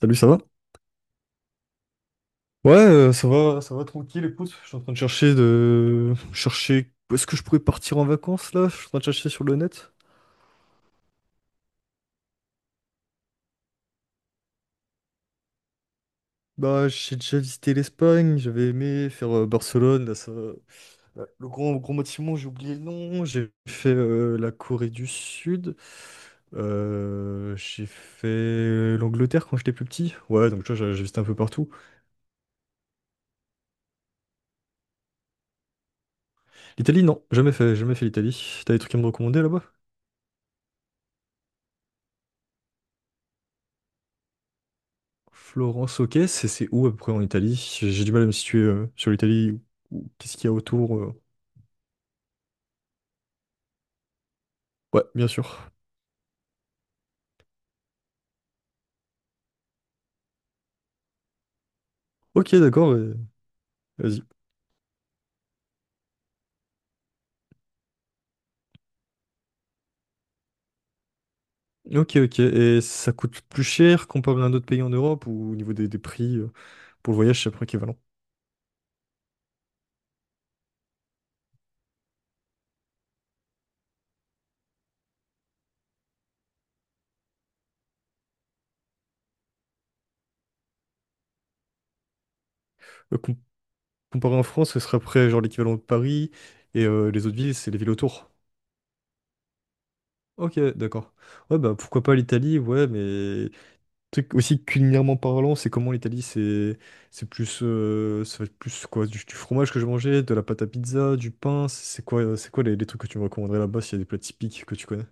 Salut, ça va? Ouais, ça va tranquille, écoute. Je suis en train de chercher où est-ce que je pourrais partir en vacances là? Je suis en train de chercher sur le net. Bah, j'ai déjà visité l'Espagne, j'avais aimé faire Barcelone, là, ça... là, le grand gros bâtiment, j'ai oublié le nom. J'ai fait la Corée du Sud. J'ai fait l'Angleterre quand j'étais plus petit. Ouais, donc tu vois, j'ai visité un peu partout. L'Italie, non, jamais fait, jamais fait l'Italie. T'as des trucs à me recommander là-bas? Florence, ok, c'est où à peu près en Italie? J'ai du mal à me situer sur l'Italie. Ou Qu'est-ce qu'il y a autour? Ouais, bien sûr. Ok, d'accord, vas-y. Ok, ok. Et ça coûte plus cher comparé à un autre pays en Europe ou au niveau des prix pour le voyage, c'est à peu près équivalent. Euh, com- comparé en France, ce serait après genre l'équivalent de Paris et les autres villes, c'est les villes autour. Ok, d'accord. Ouais, bah pourquoi pas l'Italie, ouais, mais tu aussi culinairement parlant, c'est comment l'Italie? C'est plus ça va être plus quoi du fromage que je mangeais, de la pâte à pizza, du pain, c'est quoi les trucs que tu me recommanderais là-bas s'il y a des plats typiques que tu connais?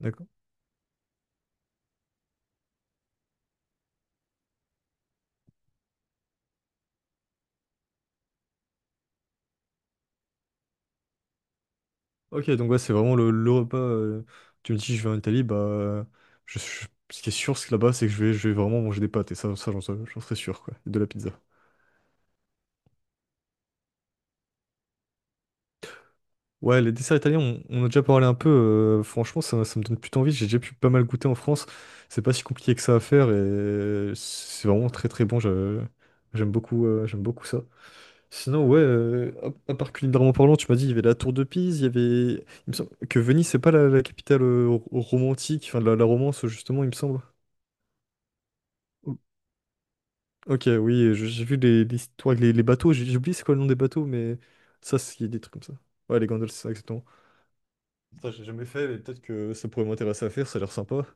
D'accord. Ok, donc ouais, c'est vraiment le repas. Tu me dis je vais en Italie, bah je, je- ce qui est sûr c'est que là-bas, c'est que je vais vraiment manger des pâtes et ça j'en serais sûr quoi, et de la pizza. Ouais, les desserts italiens, on a déjà parlé un peu. Franchement, ça me donne plutôt envie. J'ai déjà pu pas mal goûter en France. C'est pas si compliqué que ça à faire et c'est vraiment très très bon. J'aime beaucoup ça. Sinon, ouais, à part culinairement parlant, tu m'as dit il y avait la tour de Pise, il y avait. Il me semble que Venise, c'est pas la capitale romantique, enfin de la romance justement, il me semble. O- Ok, oui, j'ai vu l'histoire avec les bateaux. J'ai oublié c'est quoi le nom des bateaux, mais ça, c'est des trucs comme ça. Ouais, les gondoles, c'est ça, exactement. Ça, j'ai jamais fait, mais peut-être que ça pourrait m'intéresser à faire, ça a l'air sympa.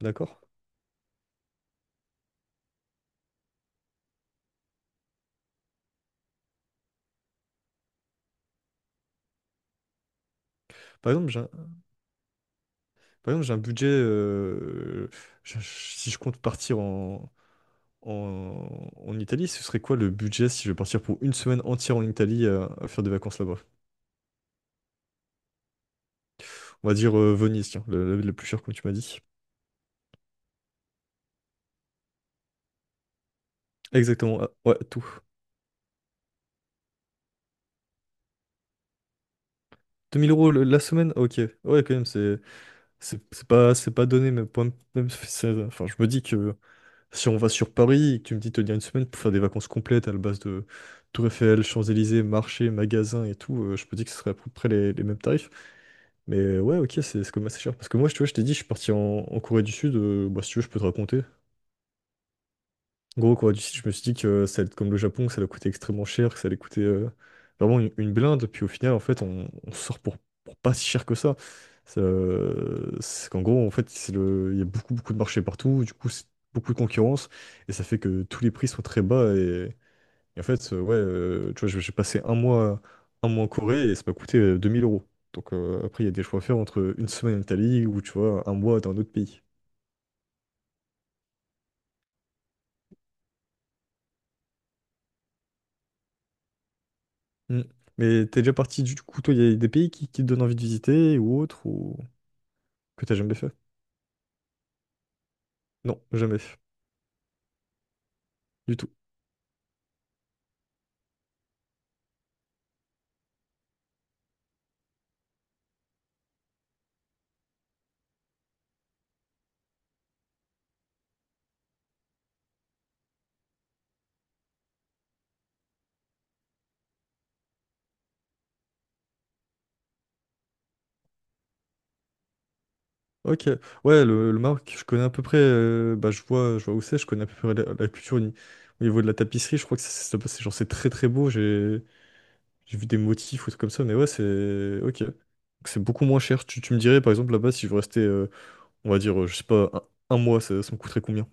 D'accord. Par exemple, j'ai un, Par exemple, j'ai un budget. Si je compte partir en Italie, ce serait quoi le budget si je vais partir pour une semaine entière en Italie à faire des vacances là-bas? On va dire Venise, tiens, le plus cher, comme tu m'as dit. Exactement, ah, ouais, tout. Deux mille euros la semaine? Ok. Ouais, quand même, c'est pas donné, mais même, enfin, je me dis que. Si on va sur Paris et que tu me dis de tenir une semaine pour faire des vacances complètes à la base de Tour Eiffel, Champs-Élysées, marché, magasin et tout, je peux dire que ce serait à peu près les mêmes tarifs. Mais ouais, ok, c'est quand même assez cher. Parce que moi, tu vois, je t'ai dit, je suis parti en Corée du Sud. Bah, si tu veux, je peux te raconter. Gros quoi, du style, je me suis dit que ça allait être comme le Japon, que ça allait coûter extrêmement cher, que ça allait coûter vraiment une blinde, puis au final en fait on sort pour pas si cher que ça. C'est qu'en gros en fait il y a beaucoup beaucoup de marchés partout, du coup c'est beaucoup de concurrence, et ça fait que tous les prix sont très bas, et en fait ouais, tu vois, j'ai passé un mois en Corée et ça m'a coûté 2 000 euros. Donc après il y a des choix à faire entre une semaine en Italie ou tu vois un mois dans un autre pays. Mm. Mais t'es déjà parti du coup, toi, il y a des pays qui te donnent envie de visiter ou autre, ou que t'as jamais fait? Non, jamais fait, du tout. Ok, ouais, le Maroc, je connais à peu près, bah, je vois, où c'est, je connais à peu près la culture au ni- au niveau de la tapisserie, je crois que c'est genre c'est très très beau, j'ai vu des motifs ou trucs comme ça, mais ouais, c'est ok. Donc, c'est beaucoup moins cher. Tu me dirais par exemple là-bas si je veux rester, on va dire, je sais pas, un mois, ça me coûterait combien?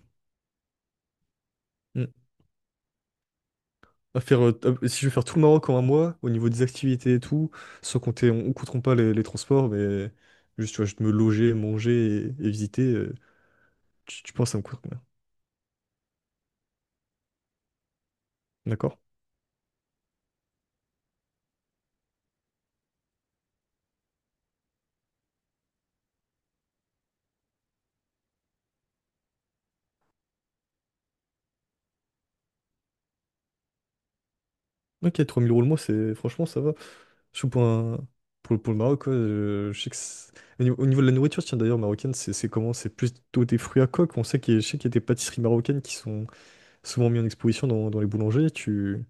À faire, si je veux faire tout le Maroc en un mois, au niveau des activités et tout, sans compter, on ne compteront pas les transports, mais juste, tu vois, juste me loger, manger et visiter, tu penses que ça me coûte combien? D'accord? Ok, 3 000 euros le mois, c'est, franchement, ça va. Surtout pour le Maroc, quoi, je sais que au niveau de la nourriture, tiens, d'ailleurs, marocaine, c'est comment? C'est plutôt des fruits à coque. On sait qu'il y, a- je sais qu'il y a des pâtisseries marocaines qui sont souvent mises en exposition dans les boulangers. Tu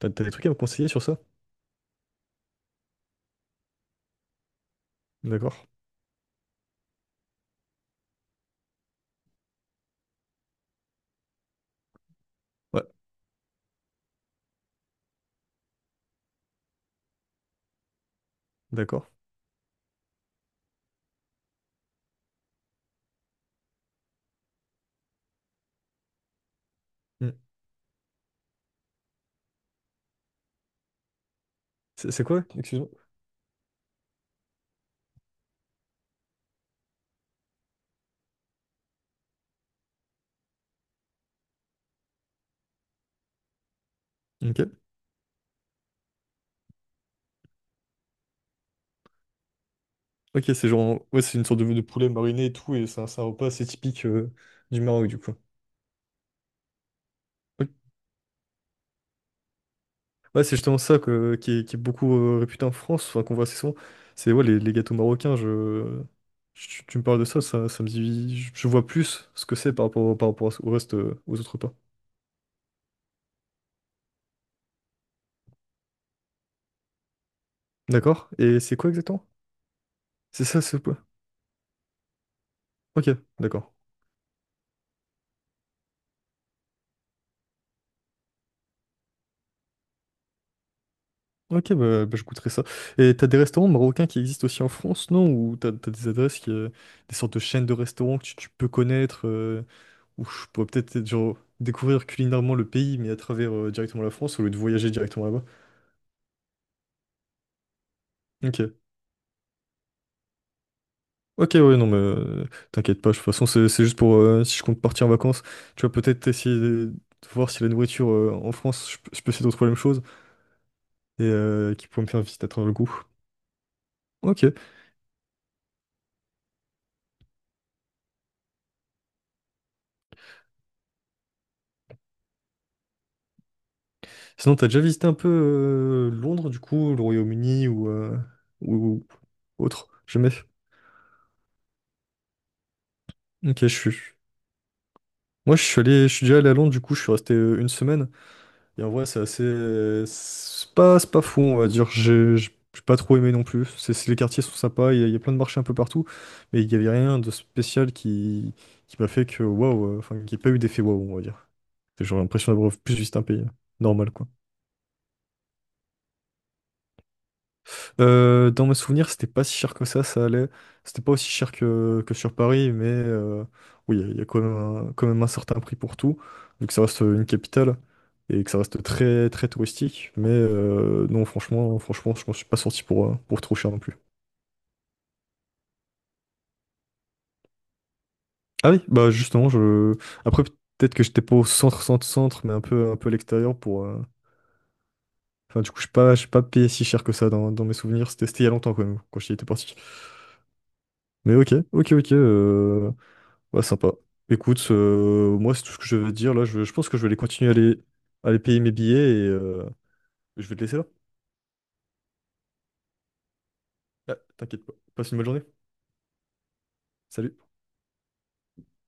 t'as, t'as des trucs à me conseiller sur ça? D'accord? Ouais, d'accord. Hmm. C'est quoi? Excuse-moi. Ok. Ok, c'est genre, ouais, c'est une sorte de poulet mariné et tout, et c'est un repas assez typique du Maroc, du coup. Ok. Ouais, c'est justement ça qui est beaucoup réputé en France, enfin, qu'on voit assez souvent. C'est ouais, les gâteaux marocains, tu me parles de ça, ça, me dit, je vois plus ce que c'est par rapport au reste, aux autres repas. D'accord? Et c'est quoi exactement? C'est ça, ce plat? Ok, d'accord. Ok, bah, bah, je goûterai ça. Et t'as des restaurants marocains qui existent aussi en France, non? Ou t'as des adresses, des sortes de chaînes de restaurants que tu peux connaître? Où je pourrais peut-être genre, découvrir culinairement le pays, mais à travers directement la France, au lieu de voyager directement là-bas. Ok. Ok, ouais, non, mais t'inquiète pas, de toute façon, c'est juste pour si je compte partir en vacances, tu vas peut-être essayer de voir si la nourriture en France, je peux essayer de trouver la même chose et qui pourrait me faire visiter à travers le goût. Ok. Sinon, t'as déjà visité un peu Londres, du coup, le Royaume-Uni ou, ou ou autre? Jamais. Ok, je suis. Moi, je suis déjà allé à Londres, du coup, je suis resté une semaine. Et en vrai, c'est assez. C'est pas fou, on va dire. J'ai pas trop aimé non plus. Les quartiers sont sympas, il y a plein de marchés un peu partout, mais il y avait rien de spécial qui m'a fait que waouh, enfin, qu'il n'y ait pas eu d'effet waouh, on va dire. J'ai l'impression d'avoir plus visité un pays normal, quoi. Dans mes souvenirs, c'était pas si cher que ça allait. C'était pas aussi cher que sur Paris, mais oui, il y a quand même un certain prix pour tout, vu que ça reste une capitale et que ça reste très très touristique. Mais non, franchement, franchement, je m'en suis pas sorti pour trop cher non plus. Ah oui, bah justement. Après peut-être que j'étais pas au centre, centre, centre, mais un peu à l'extérieur pour. Enfin, du coup, je n'ai pas, j'ai pas payé si cher que ça dans mes souvenirs. C'était il y a longtemps quand même, quand j'y étais parti. Mais ok, ok, ok. Ouais, sympa. Écoute, moi, c'est tout ce que je veux dire. Là, je pense que je vais aller continuer à aller, payer mes billets et je vais te laisser là. Ah, t'inquiète pas. Passe une bonne journée. Salut.